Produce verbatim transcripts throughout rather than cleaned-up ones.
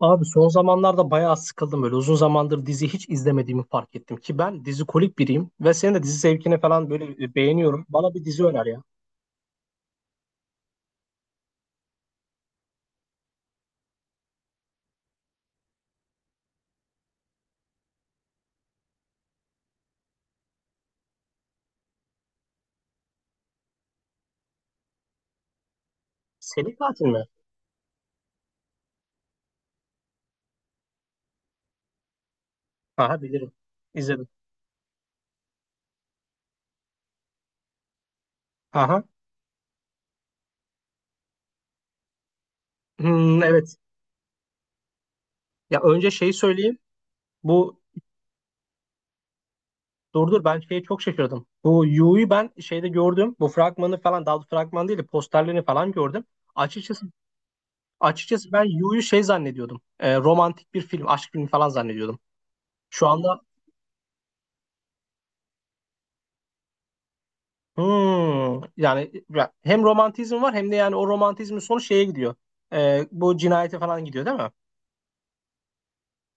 Abi son zamanlarda bayağı sıkıldım böyle. Uzun zamandır dizi hiç izlemediğimi fark ettim ki ben dizi kolik biriyim ve senin de dizi zevkini falan böyle e, beğeniyorum. Bana bir dizi öner ya. Seri Katil mi? Aha bilirim. İzledim. Aha. Hmm, evet. Ya önce şeyi söyleyeyim. Bu dur dur ben şeye çok şaşırdım. Bu Yu'yu ben şeyde gördüm. Bu fragmanı falan, daha doğrusu fragman değil de posterlerini falan gördüm. Açıkçası açıkçası ben Yu'yu şey zannediyordum. E, romantik bir film, aşk filmi falan zannediyordum. Şu anda Hmm, yani ya hem romantizm var hem de yani o romantizmin sonu şeye gidiyor. Ee, bu cinayete falan gidiyor değil mi?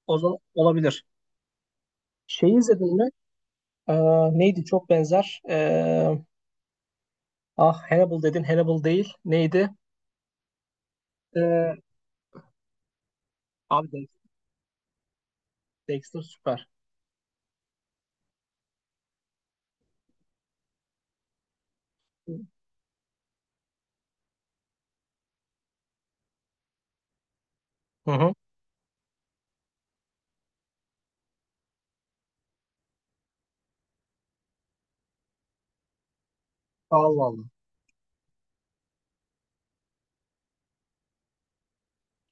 O zaman olabilir. Şeyi izledin mi? Ee, Neydi, çok benzer. Ee, ah, Hannibal dedin. Hannibal değil. Neydi? Ee, Abi Dex- Dexter süper. Hı hı. Allah Allah.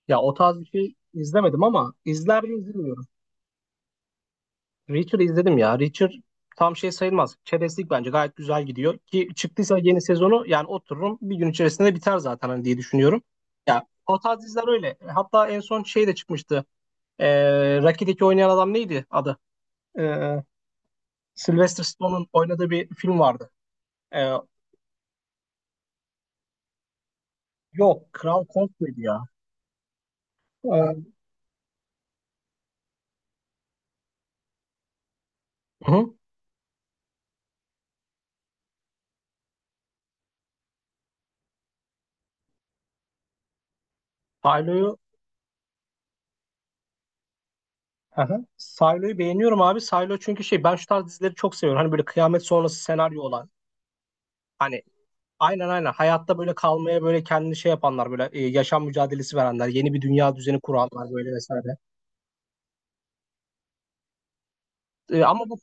Ya o tarz bir şey izlemedim ama izler mi izlemiyorum. Reacher'ı izledim ya. Reacher tam şey sayılmaz. Çerezlik bence gayet güzel gidiyor. Ki çıktıysa yeni sezonu yani otururum bir gün içerisinde biter zaten hani diye düşünüyorum. Ya o tarz diziler öyle. Hatta en son şey de çıkmıştı. Ee, Rocky'deki oynayan adam neydi adı? Ee, Sylvester Stallone'un oynadığı bir film vardı. Ee, Yok, Kral Kong muydu ya? Ee, hı. Silo'yu hı hı. Silo'yu beğeniyorum abi. Silo, çünkü şey, ben şu tarz dizileri çok seviyorum. Hani böyle kıyamet sonrası senaryo olan. Hani aynen aynen. Hayatta böyle kalmaya böyle kendini şey yapanlar, böyle e, yaşam mücadelesi verenler, yeni bir dünya düzeni kuranlar böyle vesaire. E, ama bu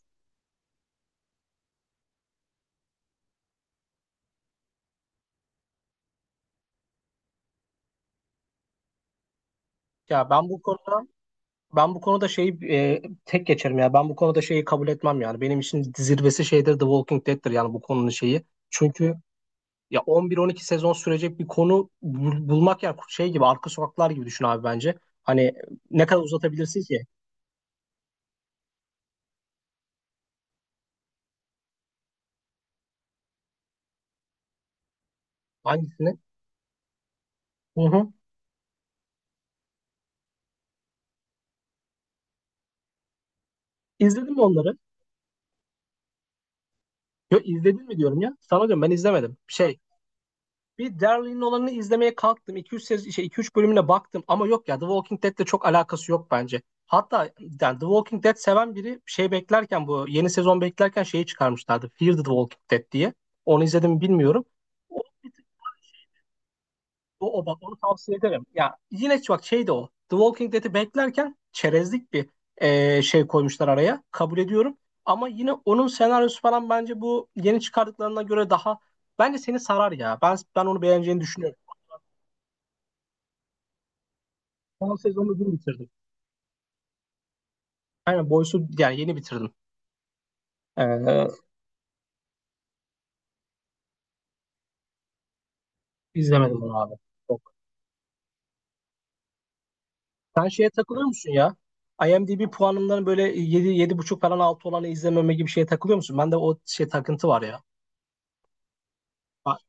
ya ben bu konuda ben bu konuda şeyi e, tek geçerim ya. Ben bu konuda şeyi kabul etmem yani. Benim için zirvesi şeydir, The Walking Dead'tir yani bu konunun şeyi. Çünkü ya on bir on iki sezon sürecek bir konu bul- bulmak, ya şey gibi arka sokaklar gibi düşün abi bence. Hani ne kadar uzatabilirsin ki hangisini? Hı hı. İzledin mi onları? Yok, izledin mi diyorum ya. Sana diyorum ben izlemedim. Şey bir Daryl'in olanını izlemeye kalktım. İki üç sez- şey iki üç bölümüne baktım ama yok ya, The Walking Dead'le çok alakası yok bence. Hatta yani The Walking Dead seven biri şey beklerken, bu yeni sezon beklerken şeyi çıkarmışlardı. Fear the Walking Dead diye. Onu izledim mi bilmiyorum. O, o, o bak, onu tavsiye ederim. Ya yine bak şey de o. The Walking Dead'i beklerken çerezlik bir eee, şey koymuşlar araya. Kabul ediyorum. Ama yine onun senaryosu falan bence bu yeni çıkardıklarına göre daha bence seni sarar ya. Ben ben onu beğeneceğini düşünüyorum. Son sezonu dün bitirdim. Aynen Boys'u yani yeni bitirdim. Ee, izlemedim onu abi. Yok. Sen şeye takılıyor musun ya? IMDb puanından böyle yedi yedi buçuk falan altı olanı izlememe gibi şeye takılıyor musun? Bende o şey takıntı var ya. Bak,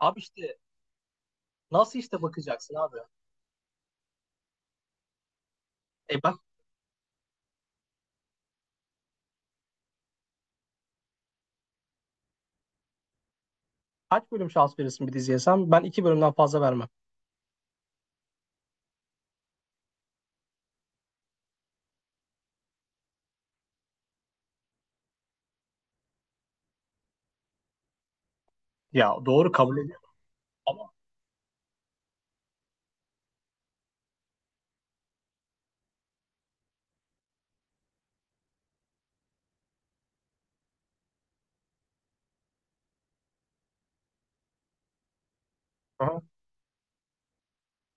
abi işte nasıl işte bakacaksın abi? E bak, kaç bölüm şans verirsin bir diziye sen? Ben iki bölümden fazla vermem. Ya doğru, kabul ediyorum ama aha.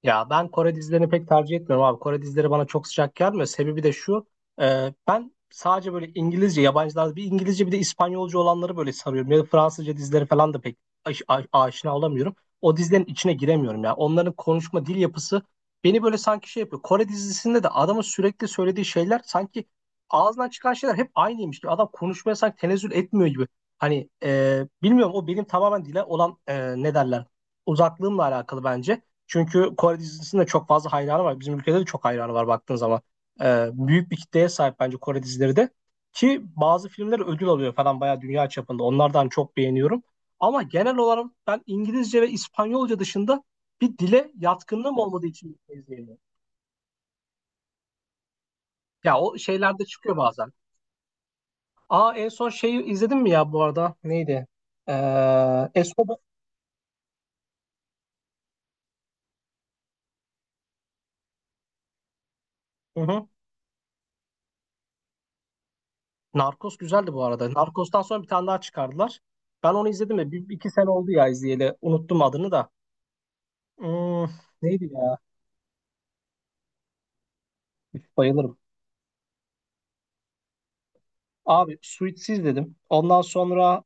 Ya ben Kore dizilerini pek tercih etmiyorum abi. Kore dizileri bana çok sıcak gelmiyor. Sebebi de şu. E, ben sadece böyle İngilizce, yabancılar bir İngilizce bir de İspanyolca olanları böyle sarıyorum. Ya da Fransızca dizileri falan da pek aş- a- aşina olamıyorum. O dizilerin içine giremiyorum ya. Onların konuşma dil yapısı beni böyle sanki şey yapıyor. Kore dizisinde de adamın sürekli söylediği şeyler, sanki ağzından çıkan şeyler hep aynıymış gibi. Adam konuşmaya sanki tenezzül etmiyor gibi. Hani e, bilmiyorum, o benim tamamen dile olan e, ne derler, uzaklığımla alakalı bence. Çünkü Kore dizisinin de çok fazla hayranı var. Bizim ülkede de çok hayranı var baktığın zaman. Ee, büyük bir kitleye sahip bence Kore dizileri de. Ki bazı filmler ödül alıyor falan bayağı dünya çapında. Onlardan çok beğeniyorum. Ama genel olarak ben İngilizce ve İspanyolca dışında bir dile yatkınlığım olmadığı için bir şey izleyemiyorum. Ya o şeylerde çıkıyor bazen. Aa, en son şeyi izledin mi ya bu arada? Neydi? Ee, Escobar. Narcos güzeldi bu arada. Narcos'tan sonra bir tane daha çıkardılar. Ben onu izledim de bir iki sene oldu ya izleyeli. Unuttum adını da. Hmm, neydi ya? Üf, bayılırım. Abi Suits izledim. Ondan sonra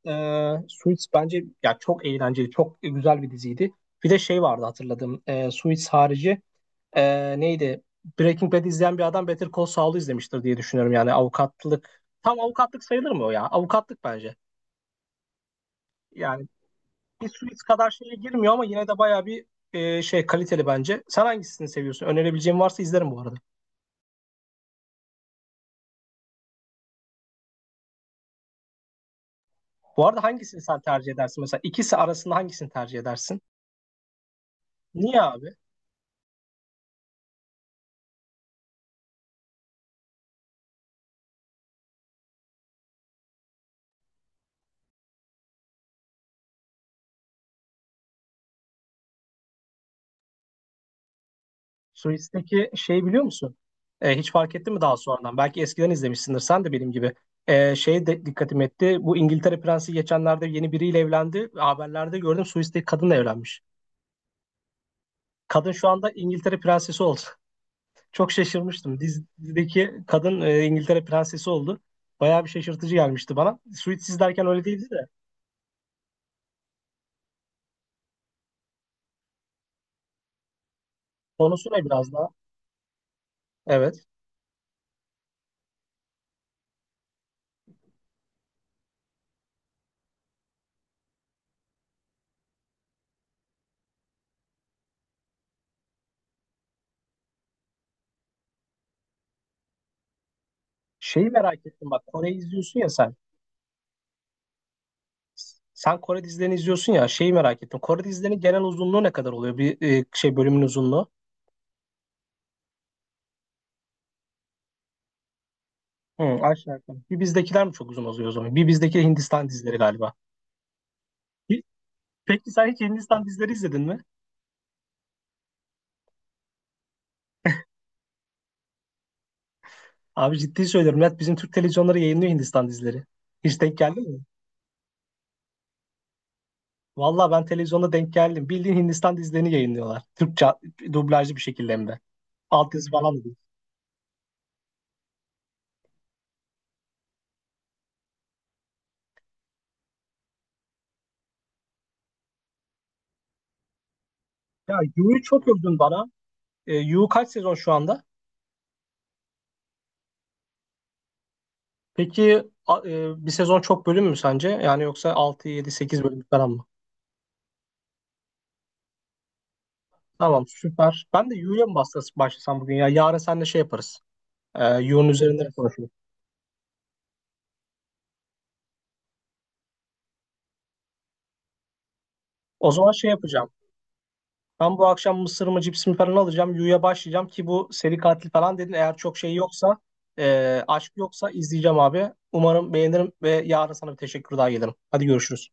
e, Suits bence ya çok eğlenceli, çok güzel bir diziydi. Bir de şey vardı hatırladım. E, Suits harici e, neydi? Breaking Bad izleyen bir adam Better Call Saul'u izlemiştir diye düşünüyorum. Yani avukatlık. Tam avukatlık sayılır mı o ya? Avukatlık bence. Yani bir Suits kadar şeye girmiyor ama yine de bayağı bir e, şey kaliteli bence. Sen hangisini seviyorsun? Önerebileceğim varsa izlerim bu arada. Bu arada hangisini sen tercih edersin? Mesela ikisi arasında hangisini tercih edersin? Niye abi? Suits'teki şeyi biliyor musun? E, hiç fark ettin mi daha sonradan? Belki eskiden izlemişsindir sen de benim gibi. E, şey de dikkatimi etti. Bu İngiltere Prensi geçenlerde yeni biriyle evlendi. Haberlerde gördüm Suits'teki kadınla evlenmiş. Kadın şu anda İngiltere Prensesi oldu. Çok şaşırmıştım. Dizideki kadın e, İngiltere prensesi oldu. Bayağı bir şaşırtıcı gelmişti bana. Suits izlerken öyle değildi de. Konusu ne biraz daha? Evet. Şeyi merak ettim bak. Kore'yi izliyorsun ya sen. Sen Kore dizilerini izliyorsun ya. Şeyi merak ettim. Kore dizilerinin genel uzunluğu ne kadar oluyor? Bir e, şey, bölümün uzunluğu. Hı, aşağı yukarı. Bir bizdekiler mi çok uzun oluyor o zaman? Bir bizdeki Hindistan dizileri galiba. Hi- Peki sen hiç Hindistan dizileri izledin mi? Abi ciddi söylüyorum. Net bizim Türk televizyonları yayınlıyor Hindistan dizileri. Hiç denk geldi mi? Valla ben televizyonda denk geldim. Bildiğin Hindistan dizilerini yayınlıyorlar. Türkçe dublajlı bir şekilde hem de. Altyazı falan da değil. Ya Yu'yu çok övdün bana. E, Yu kaç sezon şu anda? Peki a- e, bir sezon çok bölüm mü sence? Yani yoksa altı, yedi, sekiz bölüm falan mı? Tamam süper. Ben de Yu'ya mı başlas- başlasam bugün ya? Yarın seninle şey yaparız. E, Yu'nun üzerinde konuşuruz. O zaman şey yapacağım. Ben bu akşam mısır mı cips mi falan alacağım. Yu'ya başlayacağım ki bu seri katil falan dedin. Eğer çok şey yoksa, e, aşk yoksa izleyeceğim abi. Umarım beğenirim ve yarın sana bir teşekkür daha gelirim. Hadi görüşürüz.